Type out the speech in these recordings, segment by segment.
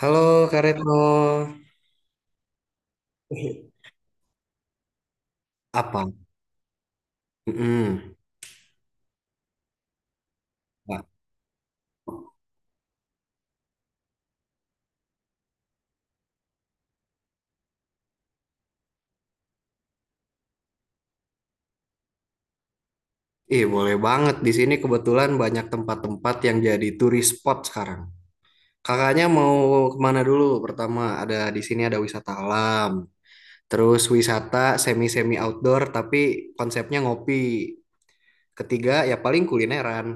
Halo Kak Retno. Ih, apa? Mm-mm. Nah, ih, boleh banget. Di sini kebetulan banyak tempat-tempat yang jadi turis spot sekarang. Kakaknya mau kemana dulu? Pertama, ada di sini ada wisata alam. Terus wisata semi-semi outdoor, tapi konsepnya ngopi. Ketiga, ya paling kulineran.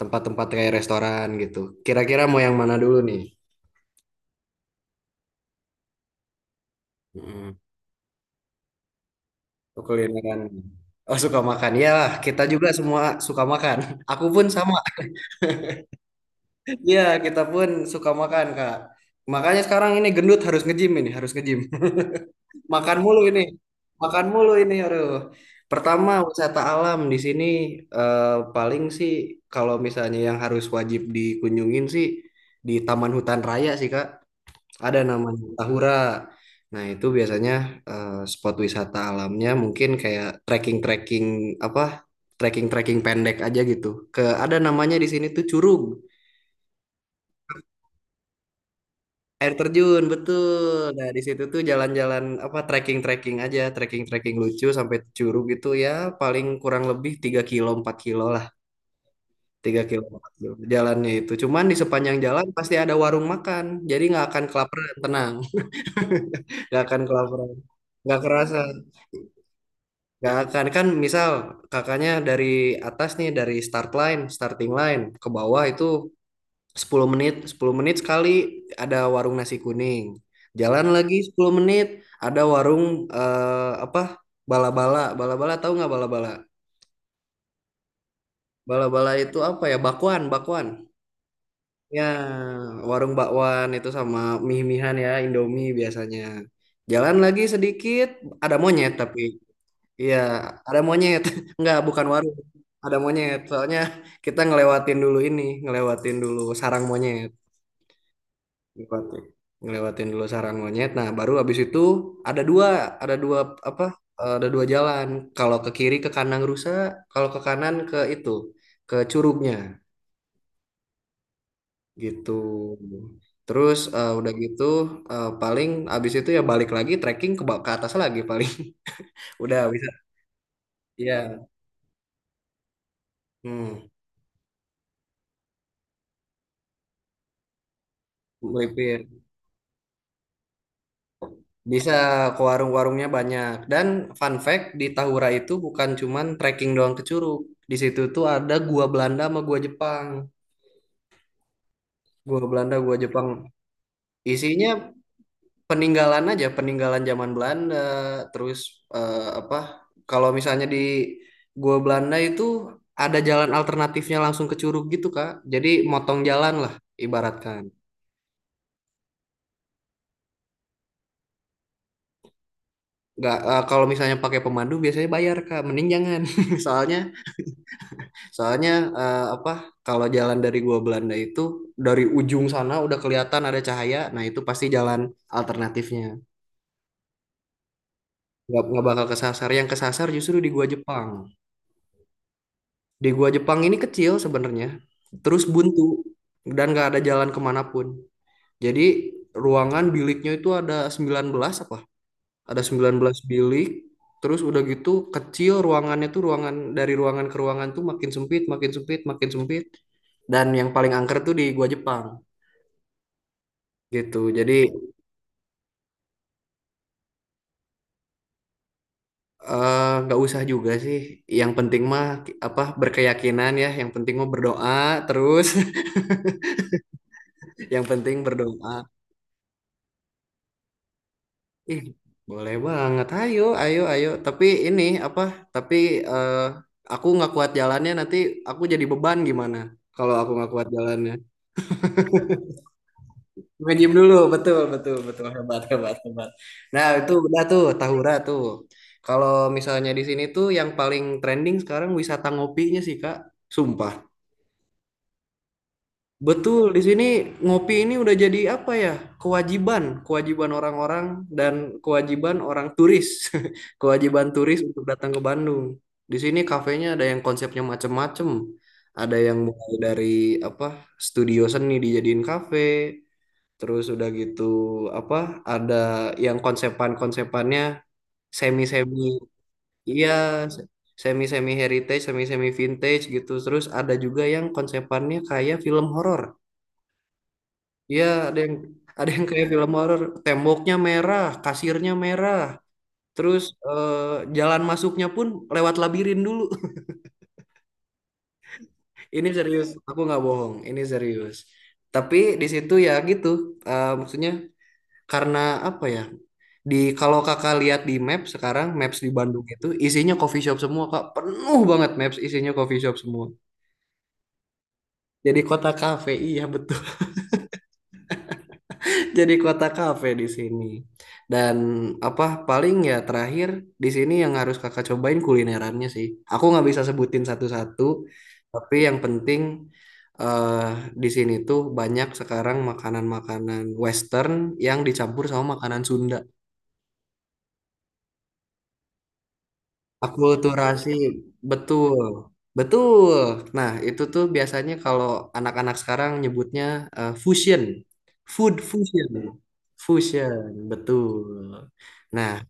Tempat-tempat kayak restoran gitu. Kira-kira mau yang mana dulu nih? Mm-mm. Kulineran. Oh, suka makan. Ya, kita juga semua suka makan. Aku pun sama. Iya, kita pun suka makan, Kak. Makanya sekarang ini gendut harus nge-gym ini, harus nge-gym. Makan mulu ini. Makan mulu ini, aduh. Pertama, wisata alam di sini eh, paling sih kalau misalnya yang harus wajib dikunjungin sih di Taman Hutan Raya sih, Kak. Ada namanya Tahura. Nah, itu biasanya spot wisata alamnya mungkin kayak trekking-trekking apa? Trekking-trekking pendek aja gitu. Ke ada namanya di sini tuh Curug. Air terjun, betul. Nah, di situ tuh jalan-jalan apa trekking-trekking aja, trekking-trekking lucu sampai Curug itu ya paling kurang lebih 3 kilo 4 kilo lah, 3 kilo 4 kilo jalannya itu. Cuman di sepanjang jalan pasti ada warung makan. Jadi nggak akan kelaparan, tenang. Nggak akan kelaparan. Nggak kerasa, nggak akan. Kan misal kakaknya dari atas nih, dari start line, starting line ke bawah itu 10 menit, 10 menit sekali ada warung nasi kuning. Jalan lagi 10 menit ada warung apa? Bala-bala, bala-bala tahu nggak bala-bala? Bala-bala itu apa ya? Bakwan, bakwan. Ya, warung bakwan itu sama mie-mihan ya, Indomie biasanya. Jalan lagi sedikit ada monyet tapi iya, ada monyet. Nggak, bukan warung. Ada monyet. Soalnya kita ngelewatin dulu ini, ngelewatin dulu sarang monyet. Ngelewatin ngelewatin dulu sarang monyet, nah baru habis itu ada dua ada dua apa ada dua jalan. Kalau ke kiri ke kanan rusa, kalau ke kanan ke itu ke curugnya gitu. Terus udah gitu paling habis itu ya balik lagi trekking ke ke atas lagi paling. Udah bisa iya hmm, melipir bisa ke warung-warungnya banyak dan fun fact di Tahura itu bukan cuman trekking doang ke curug. Di situ tuh ada gua Belanda sama gua Jepang. Gua Belanda, gua Jepang. Isinya peninggalan aja, peninggalan zaman Belanda. Terus apa? Kalau misalnya di gua Belanda itu ada jalan alternatifnya langsung ke Curug gitu, Kak. Jadi motong jalan lah ibaratkan. Nggak, kalau misalnya pakai pemandu biasanya bayar, Kak. Mending jangan. Soalnya soalnya apa? Kalau jalan dari gua Belanda itu dari ujung sana udah kelihatan ada cahaya, nah itu pasti jalan alternatifnya. Nggak bakal kesasar. Yang kesasar justru di gua Jepang. Di gua Jepang ini kecil sebenarnya, terus buntu dan nggak ada jalan kemanapun. Jadi ruangan biliknya itu ada 19 apa? Ada 19 bilik, terus udah gitu kecil ruangannya tuh ruangan dari ruangan ke ruangan tuh makin sempit, makin sempit, makin sempit. Dan yang paling angker tuh di gua Jepang gitu. Jadi nggak usah juga sih. Yang penting mah apa berkeyakinan ya. Yang penting mah berdoa terus. Yang penting berdoa. Ih, boleh banget. Ayo, ayo, ayo. Tapi ini apa? Tapi eh, aku nggak kuat jalannya. Nanti aku jadi beban gimana? Kalau aku nggak kuat jalannya. Nge-gym dulu, betul, betul, betul. Hebat, hebat, hebat. Nah, itu udah tuh Tahura tuh. Kalau misalnya di sini tuh yang paling trending sekarang wisata ngopinya sih, Kak. Sumpah. Betul, di sini ngopi ini udah jadi apa ya? Kewajiban, kewajiban orang-orang dan kewajiban orang turis. Kewajiban turis untuk datang ke Bandung. Di sini kafenya ada yang konsepnya macem-macem. Ada yang mulai dari apa? Studio seni dijadiin kafe, terus udah gitu apa? Ada yang konsepan-konsepannya semi-semi iya, se- semi-semi heritage, semi-semi vintage gitu. Terus ada juga yang konsepannya kayak film horor. Iya, ada yang kayak film horor, temboknya merah, kasirnya merah, terus jalan masuknya pun lewat labirin dulu. Ini serius, aku nggak bohong, ini serius. Tapi di situ ya gitu, maksudnya karena apa ya? Di kalau kakak lihat di map sekarang, maps di Bandung itu isinya coffee shop semua kak, penuh banget maps isinya coffee shop semua. Jadi kota kafe, iya betul. Jadi kota kafe di sini. Dan apa paling ya terakhir di sini yang harus kakak cobain kulinerannya sih. Aku nggak bisa sebutin satu-satu, tapi yang penting eh di sini tuh banyak sekarang makanan-makanan Western yang dicampur sama makanan Sunda. Akulturasi, betul, betul. Nah itu tuh biasanya kalau anak-anak sekarang nyebutnya fusion, food fusion, fusion, betul. Nah,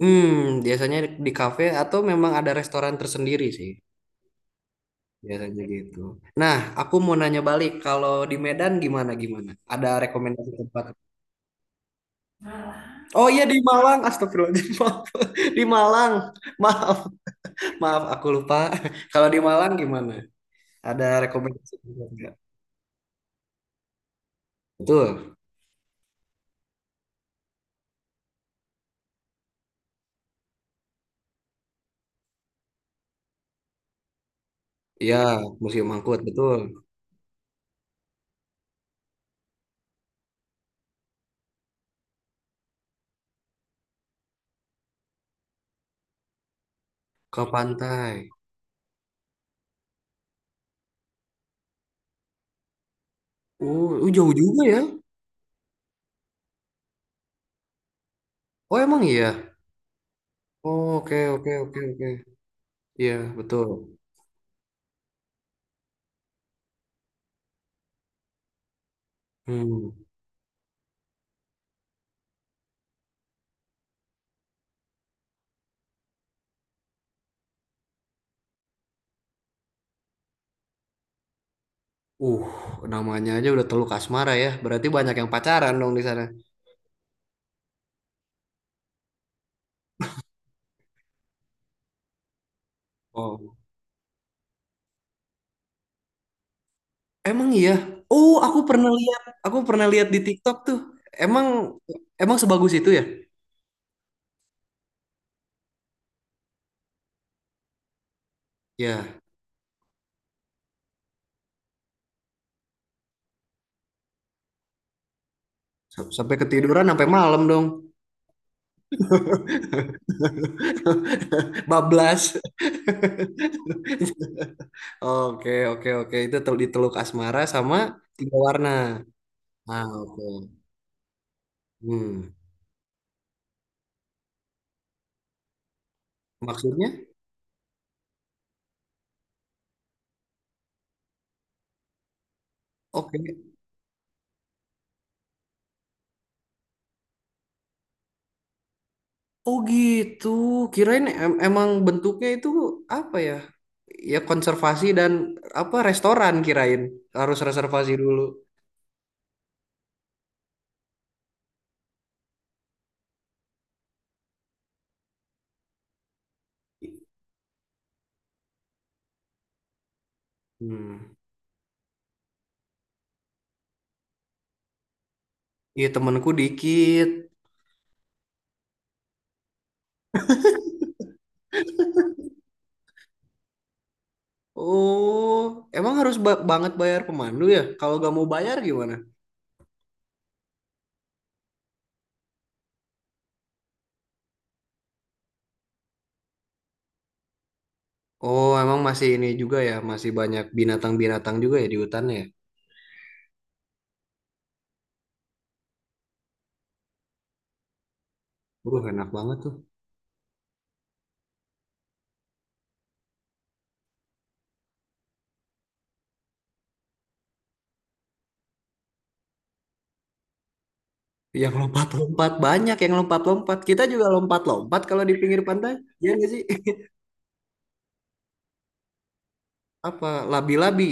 Biasanya di kafe atau memang ada restoran tersendiri sih, biasanya gitu. Nah, aku mau nanya balik, kalau di Medan gimana gimana? Ada rekomendasi tempat? Oh iya di Malang, astagfirullahaladzim, maaf. Di Malang, maaf, maaf, aku lupa. Kalau di Malang gimana? Ada rekomendasi tempat nggak? Betul, ya Museum Angkut, betul. Ke pantai. Jauh juga ya? Oh emang iya. Oh, oke oke oke oke. Iya betul. Hmm. Uh, Namanya aja udah Teluk Asmara ya. Berarti banyak yang pacaran dong di sana. Oh. Emang iya? Oh, aku pernah lihat. Aku pernah lihat di TikTok tuh. Emang emang sebagus itu ya? Ya, sampai ketiduran sampai malam dong. Bablas. Oke, oke, oke. Itu di Teluk Asmara sama tiga warna. Ah, oke. Hmm. Maksudnya? Oke. Oh gitu, kirain emang bentuknya itu apa ya? Ya konservasi dan apa restoran kirain harus reservasi dulu. Hmm. Iya temanku dikit. Oh, emang harus banget bayar pemandu ya? Kalau gak mau bayar gimana? Oh, emang masih ini juga ya, masih banyak binatang-binatang juga ya di hutannya ya. Waduh, enak banget tuh. Yang lompat-lompat banyak yang lompat-lompat. Kita juga lompat-lompat kalau di pinggir pantai. Iya nggak sih? Apa labi-labi?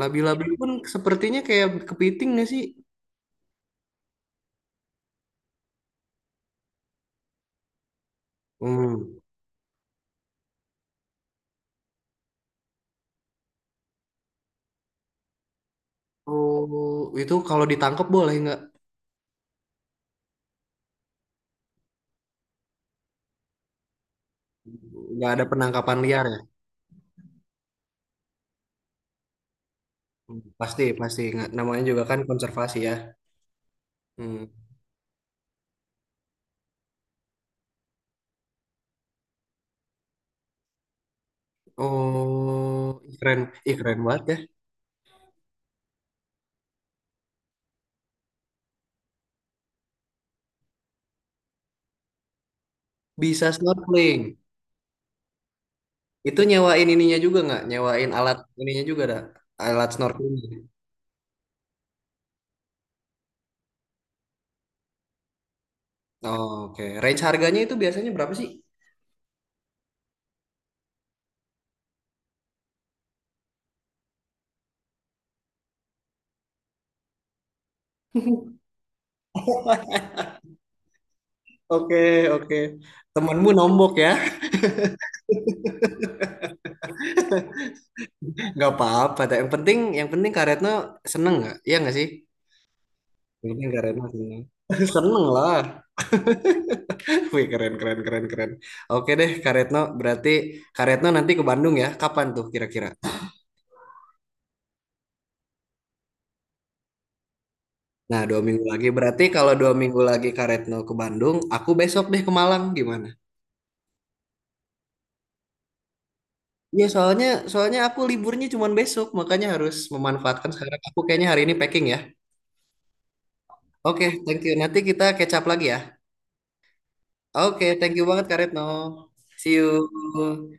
Labi-labi pun sepertinya kayak kepiting nggak sih? Hmm. Oh, itu kalau ditangkap boleh nggak? Nggak ada penangkapan liar ya? Hmm, pasti, pasti. Nggak, namanya juga kan konservasi ya. Hmm. Oh, ih, keren. Ih, keren banget ya. Bisa snorkeling. Itu nyewain ininya juga nggak? Nyewain alat ininya juga ada? Alat snorkeling. Oh, oke. Range harganya itu biasanya berapa sih? Oke, oke. Temenmu nombok ya. Nggak apa-apa. Yang penting Kak Retno seneng nggak? Iya nggak sih? Ini Kak Retno sini. Seneng lah. Wih, keren, keren, keren, keren. Oke deh, Kak Retno. Berarti Kak Retno nanti ke Bandung ya? Kapan tuh kira-kira? Nah, 2 minggu lagi. Berarti kalau 2 minggu lagi Kak Retno ke Bandung, aku besok deh ke Malang. Gimana? Iya, soalnya soalnya aku liburnya cuma besok, makanya harus memanfaatkan sekarang. Aku kayaknya hari ini packing ya. Oke, thank you. Nanti kita catch up lagi ya. Oke, thank you banget Kak Retno. See you.